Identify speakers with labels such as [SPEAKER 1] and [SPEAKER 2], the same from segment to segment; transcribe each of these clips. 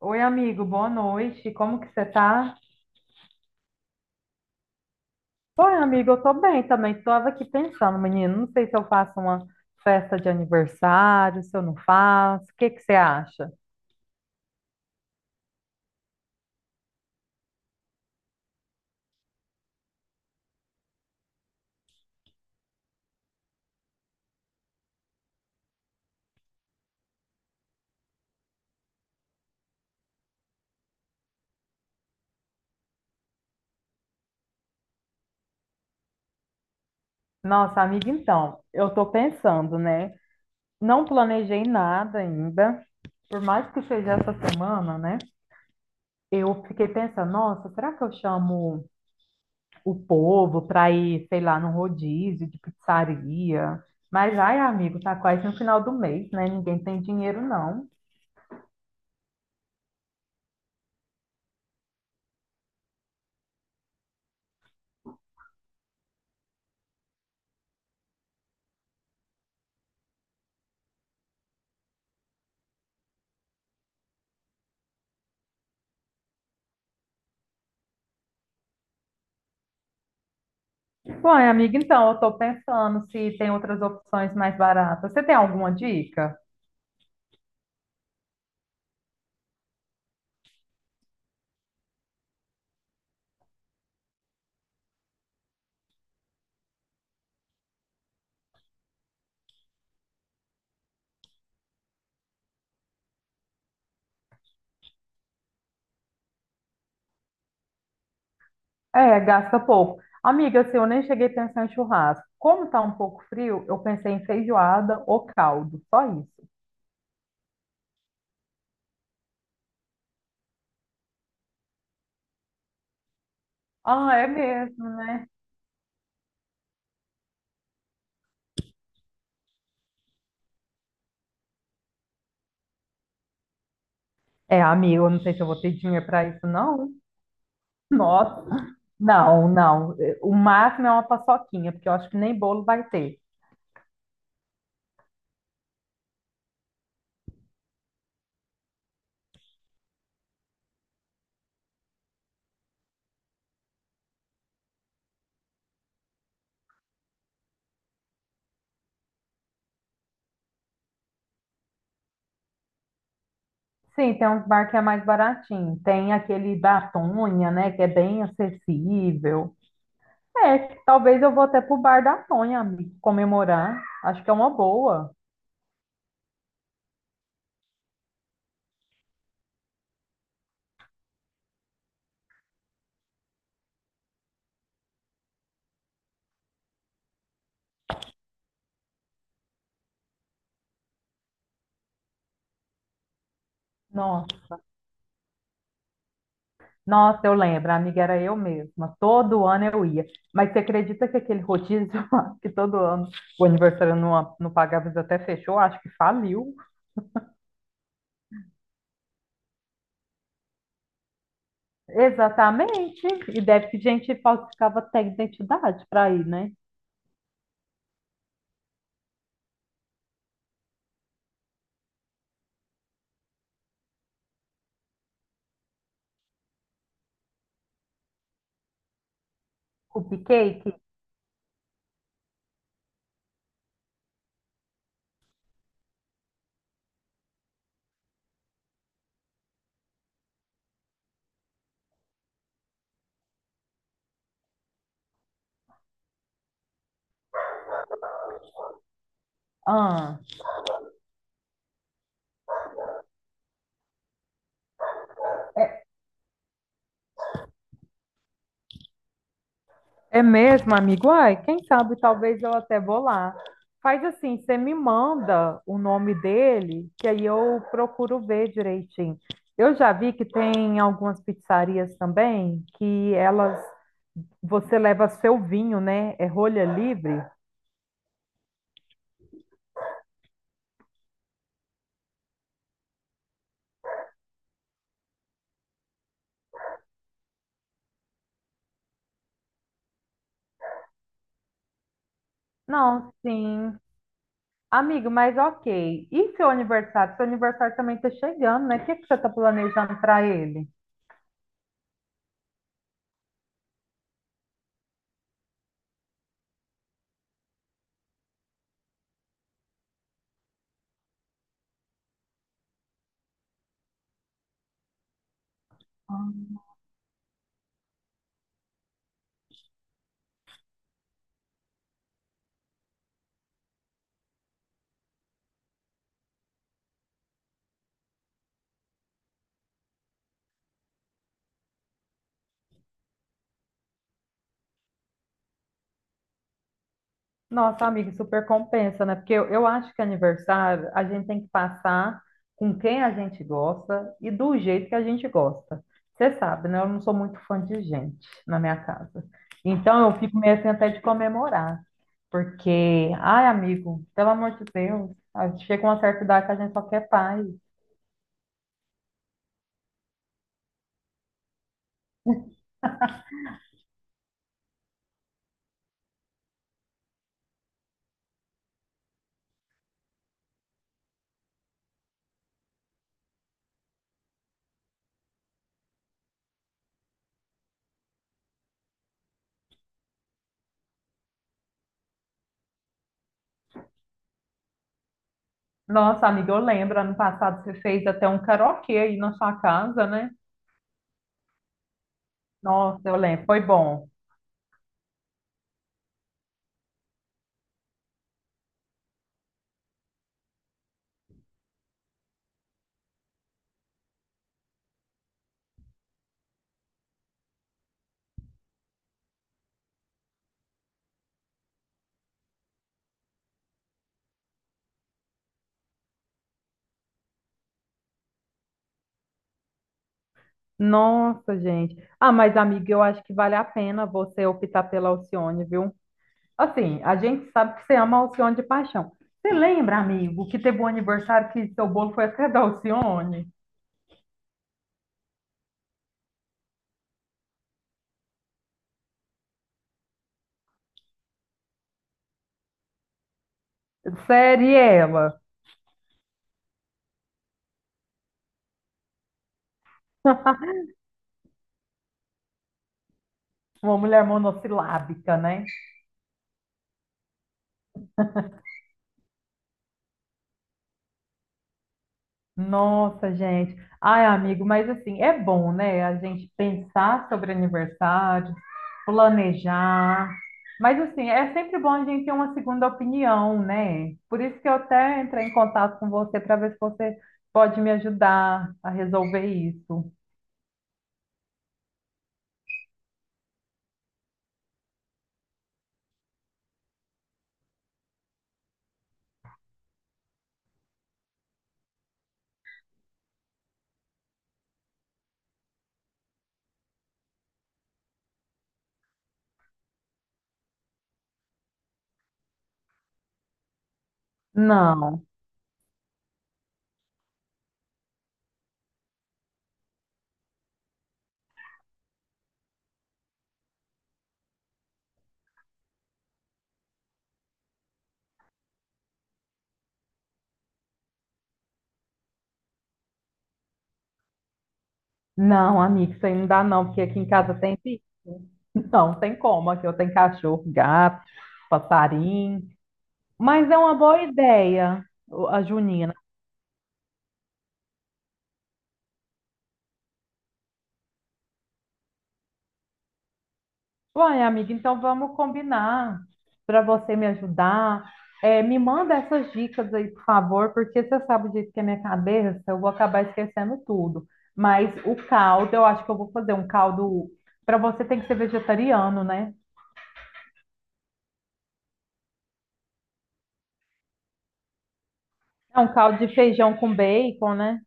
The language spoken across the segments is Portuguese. [SPEAKER 1] Oi, amigo, boa noite. Como que você tá? Oi, amigo, eu tô bem também. Tava aqui pensando, menino, não sei se eu faço uma festa de aniversário, se eu não faço. O que que você acha? Nossa, amiga, então, eu tô pensando, né? Não planejei nada ainda. Por mais que seja essa semana, né? Eu fiquei pensando, nossa, será que eu chamo o povo para ir, sei lá, num rodízio de pizzaria? Mas, ai, amigo, tá quase no final do mês, né? Ninguém tem dinheiro, não. Bom, amiga, então, eu estou pensando se tem outras opções mais baratas. Você tem alguma dica? É, gasta pouco. Amiga, assim, eu nem cheguei a pensar em churrasco. Como está um pouco frio, eu pensei em feijoada ou caldo, só isso. Ah, é mesmo? É, amiga, eu não sei se eu vou ter dinheiro para isso, não. Nossa, não. O máximo é uma paçoquinha, porque eu acho que nem bolo vai ter. Sim, tem uns bar que é mais baratinho. Tem aquele da Tonha, né, que é bem acessível. É, talvez eu vou até pro bar da Tonha, amiga, comemorar. Acho que é uma boa. Nossa, nossa, eu lembro, a amiga era eu mesma. Todo ano eu ia. Mas você acredita que aquele rodízio lá, que todo ano o aniversário não pagava, eles até fechou? Acho que faliu. Exatamente. E deve que gente falsificava até identidade para ir, né? Cupcake? Ah. É mesmo, amigo? Ai, quem sabe talvez eu até vou lá. Faz assim, você me manda o nome dele, que aí eu procuro ver direitinho. Eu já vi que tem algumas pizzarias também que elas você leva seu vinho, né? É rolha livre? Não, sim. Amigo, mas ok. E seu aniversário? Seu aniversário também está chegando, né? O que que você está planejando para ele? Nossa, amiga, super compensa, né? Porque eu acho que aniversário a gente tem que passar com quem a gente gosta e do jeito que a gente gosta. Você sabe, né? Eu não sou muito fã de gente na minha casa. Então eu fico meio assim até de comemorar. Porque, ai, amigo, pelo amor de Deus, a gente chega uma certa idade que a gente só quer paz. Nossa, amiga, eu lembro, ano passado você fez até um karaokê aí na sua casa, né? Nossa, eu lembro, foi bom. Nossa, gente. Ah, mas amiga, eu acho que vale a pena você optar pela Alcione, viu? Assim, a gente sabe que você ama a Alcione de paixão. Você lembra, amigo, que teve um aniversário que seu bolo foi até da Alcione? Sério, e ela? Uma mulher monossilábica, né? Nossa, gente. Ai, amigo, mas assim, é bom, né? A gente pensar sobre aniversário, planejar. Mas assim, é sempre bom a gente ter uma segunda opinião, né? Por isso que eu até entrei em contato com você para ver se você pode me ajudar a resolver isso. Não, não, amigo, isso aí não dá não, porque aqui em casa tem bicho. Não, tem como, aqui eu tenho cachorro, gato, passarinho. Mas é uma boa ideia, a junina. Uai, amiga, então vamos combinar para você me ajudar. É, me manda essas dicas aí, por favor, porque você sabe o jeito que é minha cabeça, eu vou acabar esquecendo tudo. Mas o caldo, eu acho que eu vou fazer um caldo. Para você tem que ser vegetariano, né? É um caldo de feijão com bacon, né?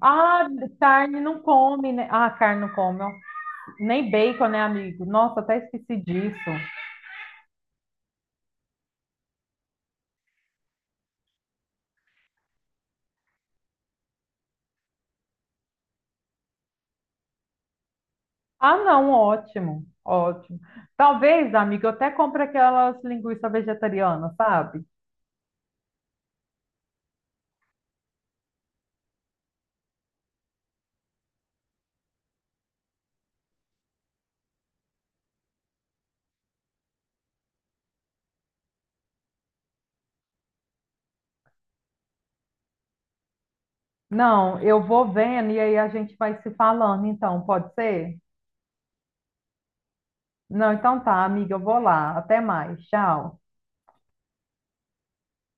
[SPEAKER 1] Ah, carne não come, né? Ah, carne não come, ó. Nem bacon, né, amigo? Nossa, até esqueci disso. Ah, não, ótimo, ótimo. Talvez, amiga, eu até compre aquelas linguiças vegetarianas, sabe? Não, eu vou vendo e aí a gente vai se falando, então, pode ser? Não, então tá, amiga, eu vou lá. Até mais, tchau.